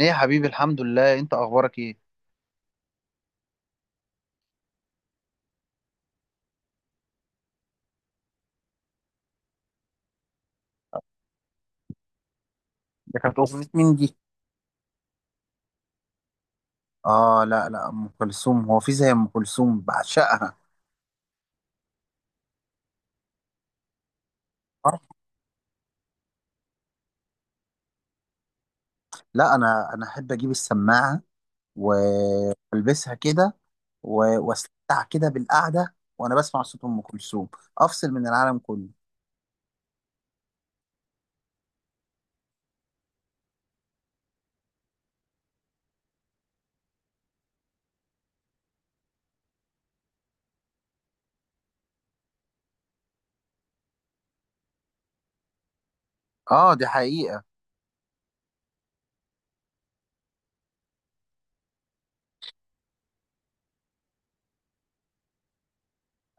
ايه يا حبيبي، الحمد لله. انت اخبارك ايه؟ ده كانت أغنية مين دي؟ اه، لا لا، ام كلثوم. هو في زي ام كلثوم؟ بعشقها. آه، لا، انا احب اجيب السماعه والبسها كده واستمتع كده بالقعده وانا بسمع صوت ام كلثوم. افصل من العالم كله. اه، دي حقيقه.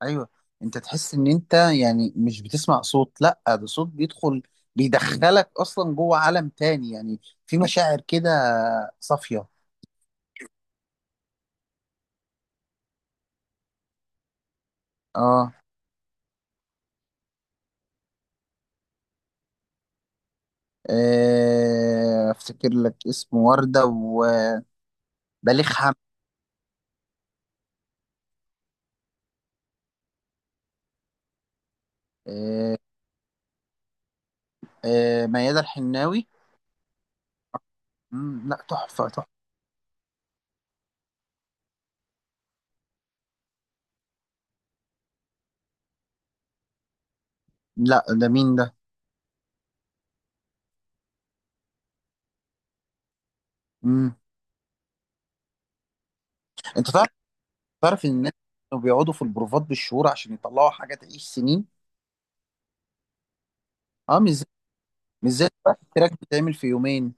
ايوه، انت تحس ان انت يعني مش بتسمع صوت، لا ده صوت بيدخل، بيدخلك اصلا جوه عالم تاني يعني. في مشاعر كده صافيه. اه، افتكر لك اسمه وردة وبليغ حمد. آه، ميادة الحناوي. لا، تحفة تحفة. لا، ده مين ده؟ مم. انت تعرف، تعرف ان الناس كانوا بيقعدوا في البروفات بالشهور عشان يطلعوا حاجة تعيش سنين. اه، مش زي دلوقتي، التراك بيتعمل في يومين.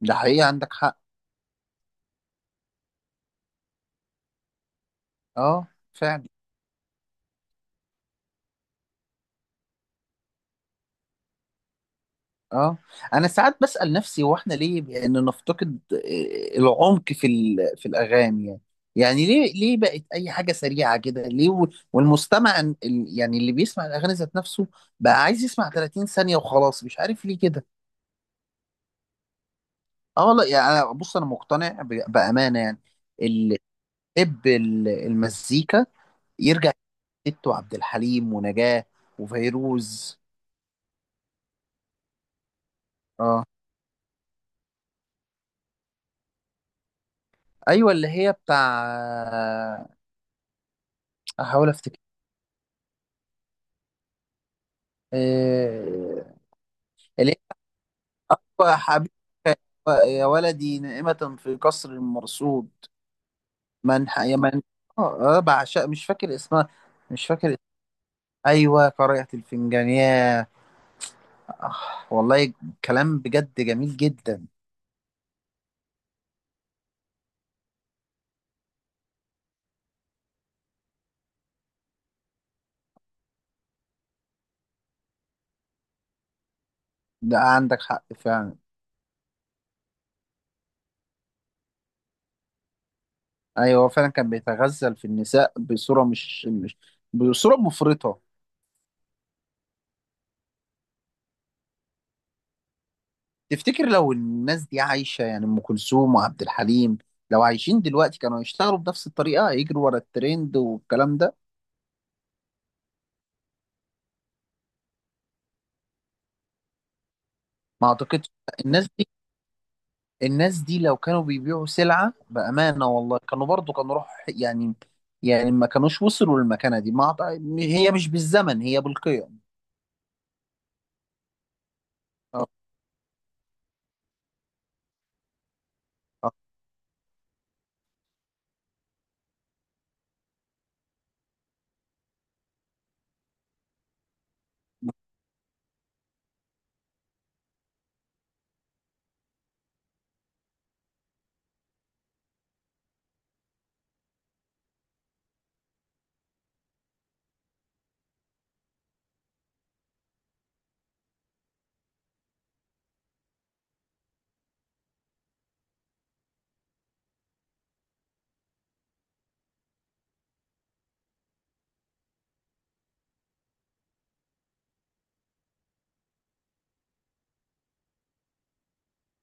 ده حقيقة، عندك حق. اه فعلا. اه، انا ساعات بسأل نفسي، هو احنا ليه بان نفتقد العمق في في الاغاني يعني؟ يعني ليه، ليه بقت اي حاجه سريعه كده؟ ليه والمستمع يعني اللي بيسمع الاغاني ذات نفسه بقى عايز يسمع 30 ثانيه وخلاص، مش عارف ليه كده. اه والله يعني، بص انا مقتنع بامانه يعني. اللي يحب المزيكا يرجع لست وعبد الحليم ونجاة وفيروز. اه، ايوه اللي هي بتاع، احاول افتكر. اللي هو حبيبك يا ولدي نائمة في قصر مرصود. يا من. اه، بعشق مش فاكر اسمها. مش فاكر اسمها. ايوه، قارئة الفنجان. ياه. آه، والله، كلام بجد جميل جدا. ده عندك حق فعلا. ايوه، هو فعلا كان بيتغزل في النساء بصورة مش بصورة مفرطة. تفتكر لو الناس دي عايشة يعني، ام كلثوم وعبد الحليم، لو عايشين دلوقتي كانوا يشتغلوا بنفس الطريقة، يجروا ورا الترند والكلام ده؟ ما اعتقدش. الناس دي الناس دي لو كانوا بيبيعوا سلعة بأمانة والله كانوا برضو كانوا روح يعني. يعني ما كانوش وصلوا للمكانة دي. ما أعط- هي مش بالزمن، هي بالقيم. آه، آه.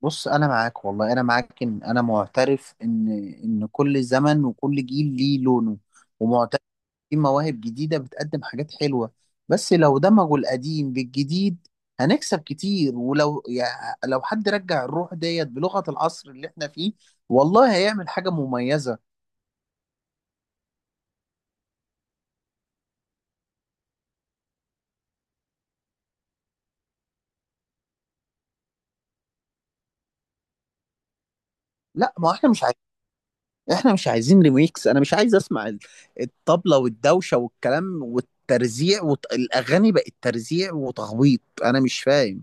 بص، أنا معاك والله، أنا معاك. إن أنا معترف إن، إن كل زمن وكل جيل ليه لونه. ومعترف، في مواهب جديدة بتقدم حاجات حلوة. بس لو دمجوا القديم بالجديد هنكسب كتير. ولو يعني، لو حد رجع الروح ديت بلغة العصر اللي احنا فيه، والله هيعمل حاجة مميزة. لا، ما احنا مش عايزين، احنا مش عايزين ريميكس. انا مش عايز اسمع الطبلة والدوشة والكلام والترزيع. والاغاني بقت ترزيع وتخبيط، انا مش فاهم.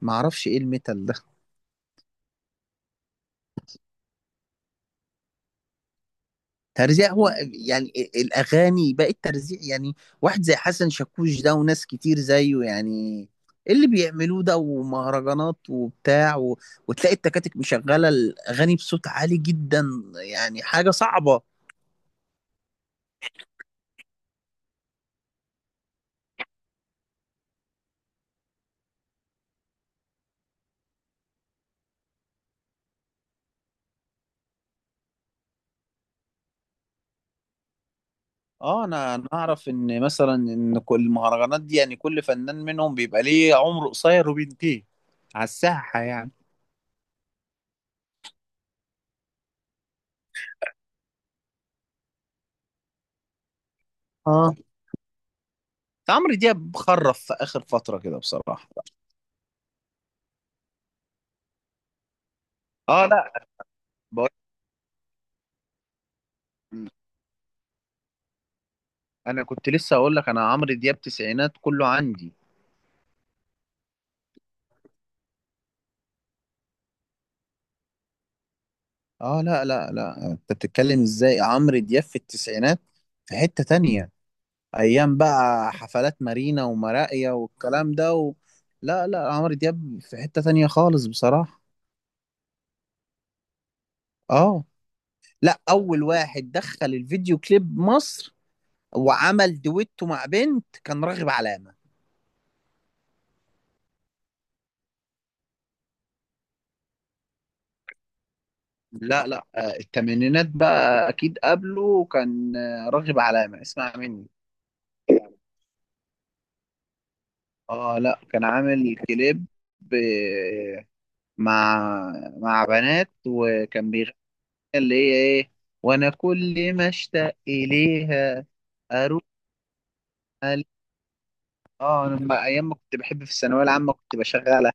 ما اعرفش ايه الميتال ده. ترزيع، هو يعني الاغاني بقت ترزيع يعني؟ واحد زي حسن شاكوش ده وناس كتير زيه يعني، إيه اللي بيعملوه ده، ومهرجانات وبتاع و... وتلاقي التكاتك مشغلة الاغاني بصوت عالي جدا، يعني حاجة صعبة. اه، انا اعرف ان مثلا ان كل المهرجانات دي يعني، كل فنان منهم بيبقى ليه عمر قصير وبينتهي على الساحه يعني. اه، عمرو دياب خرف في اخر فتره كده بصراحه. اه لا، بقول، انا كنت لسه اقول لك، انا عمرو دياب تسعينات كله عندي. اه لا لا لا، انت بتتكلم ازاي؟ عمرو دياب في التسعينات في حته تانية. ايام بقى حفلات مارينا ومراقيه والكلام ده و... لا لا، عمرو دياب في حته تانية خالص بصراحه. اه. لا، اول واحد دخل الفيديو كليب مصر وعمل دويتو مع بنت كان راغب علامة. لا لا، الثمانينات بقى اكيد قبله كان راغب علامة، اسمع مني. اه لا، كان عامل كليب ب- مع مع بنات وكان بيغني، اللي هي ايه، وانا كل ما اشتاق اليها اروح علي. اه، انا ايام ما كنت بحب في الثانويه العامه كنت بشغلها.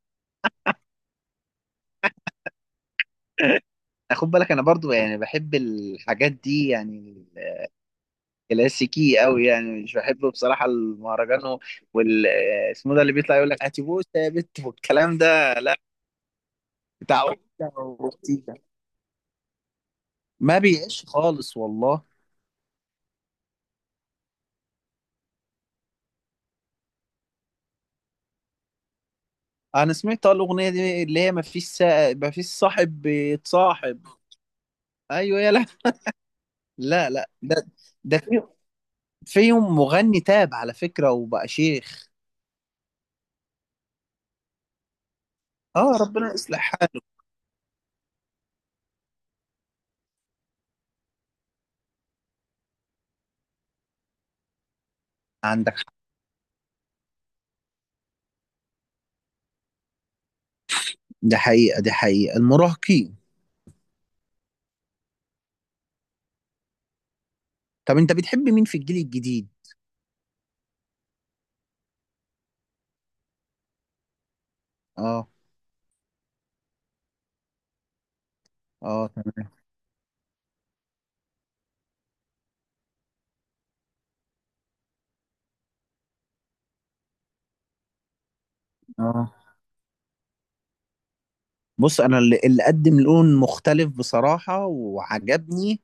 خد بالك، انا برضو يعني بحب الحاجات دي يعني. كلاسيكي قوي يعني، مش بحبه بصراحه المهرجان وال اسمه ده، اللي بيطلع يقول لك هاتي بوسه يا بت والكلام ده، لا. بتاع أوتيتا وأوتيتا. ما بيعيش خالص والله. انا سمعت الاغنيه دي اللي هي ما فيش صاحب بيتصاحب. ايوه، يلا. لا لا، ده، ده في، فيهم مغني تاب على فكره وبقى شيخ. اه، ربنا يصلح حاله. عندك حق، ده حقيقه، دي حقيقه، المراهقين. طب انت بتحب مين في الجيل الجديد؟ اه. اه تمام. اه، بص، انا اللي قدم لون مختلف بصراحه وعجبني،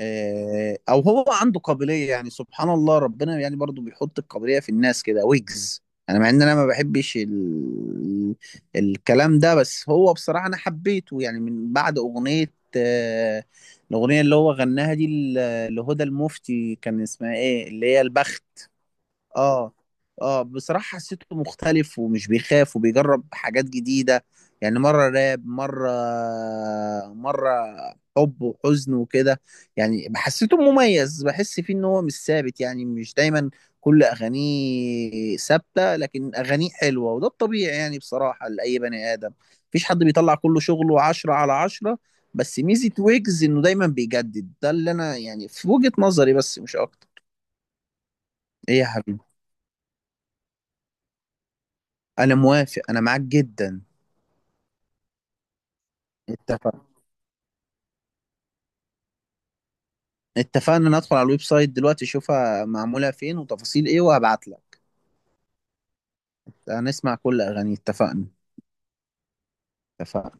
او هو عنده قابليه يعني، سبحان الله، ربنا يعني برضو بيحط القابليه في الناس كده، ويجز. انا مع ان انا ما بحبش الكلام ده، بس هو بصراحه انا حبيته يعني من بعد اغنيه، آه، الاغنيه اللي هو غناها دي لهدى المفتي، كان اسمها ايه اللي هي، البخت. اه. اه بصراحة حسيته مختلف ومش بيخاف وبيجرب حاجات جديدة. يعني مرة راب، مرة، مرة حب وحزن وكده. يعني حسيته مميز، بحس فيه ان هو مش ثابت يعني، مش دايما كل اغانيه ثابتة، لكن اغانيه حلوة، وده الطبيعي يعني بصراحة لأي بني آدم، مفيش حد بيطلع كل شغله عشرة على عشرة. بس ميزة ويجز انه دايما بيجدد، ده اللي انا يعني في وجهة نظري، بس مش اكتر. ايه يا حبيبي؟ انا موافق، انا معاك جدا. اتفقنا. اتفقنا، ندخل على الويب سايت دلوقتي اشوفها معمولة فين وتفاصيل ايه، وهبعت لك. هنسمع كل اغاني، اتفقنا. اتفقنا.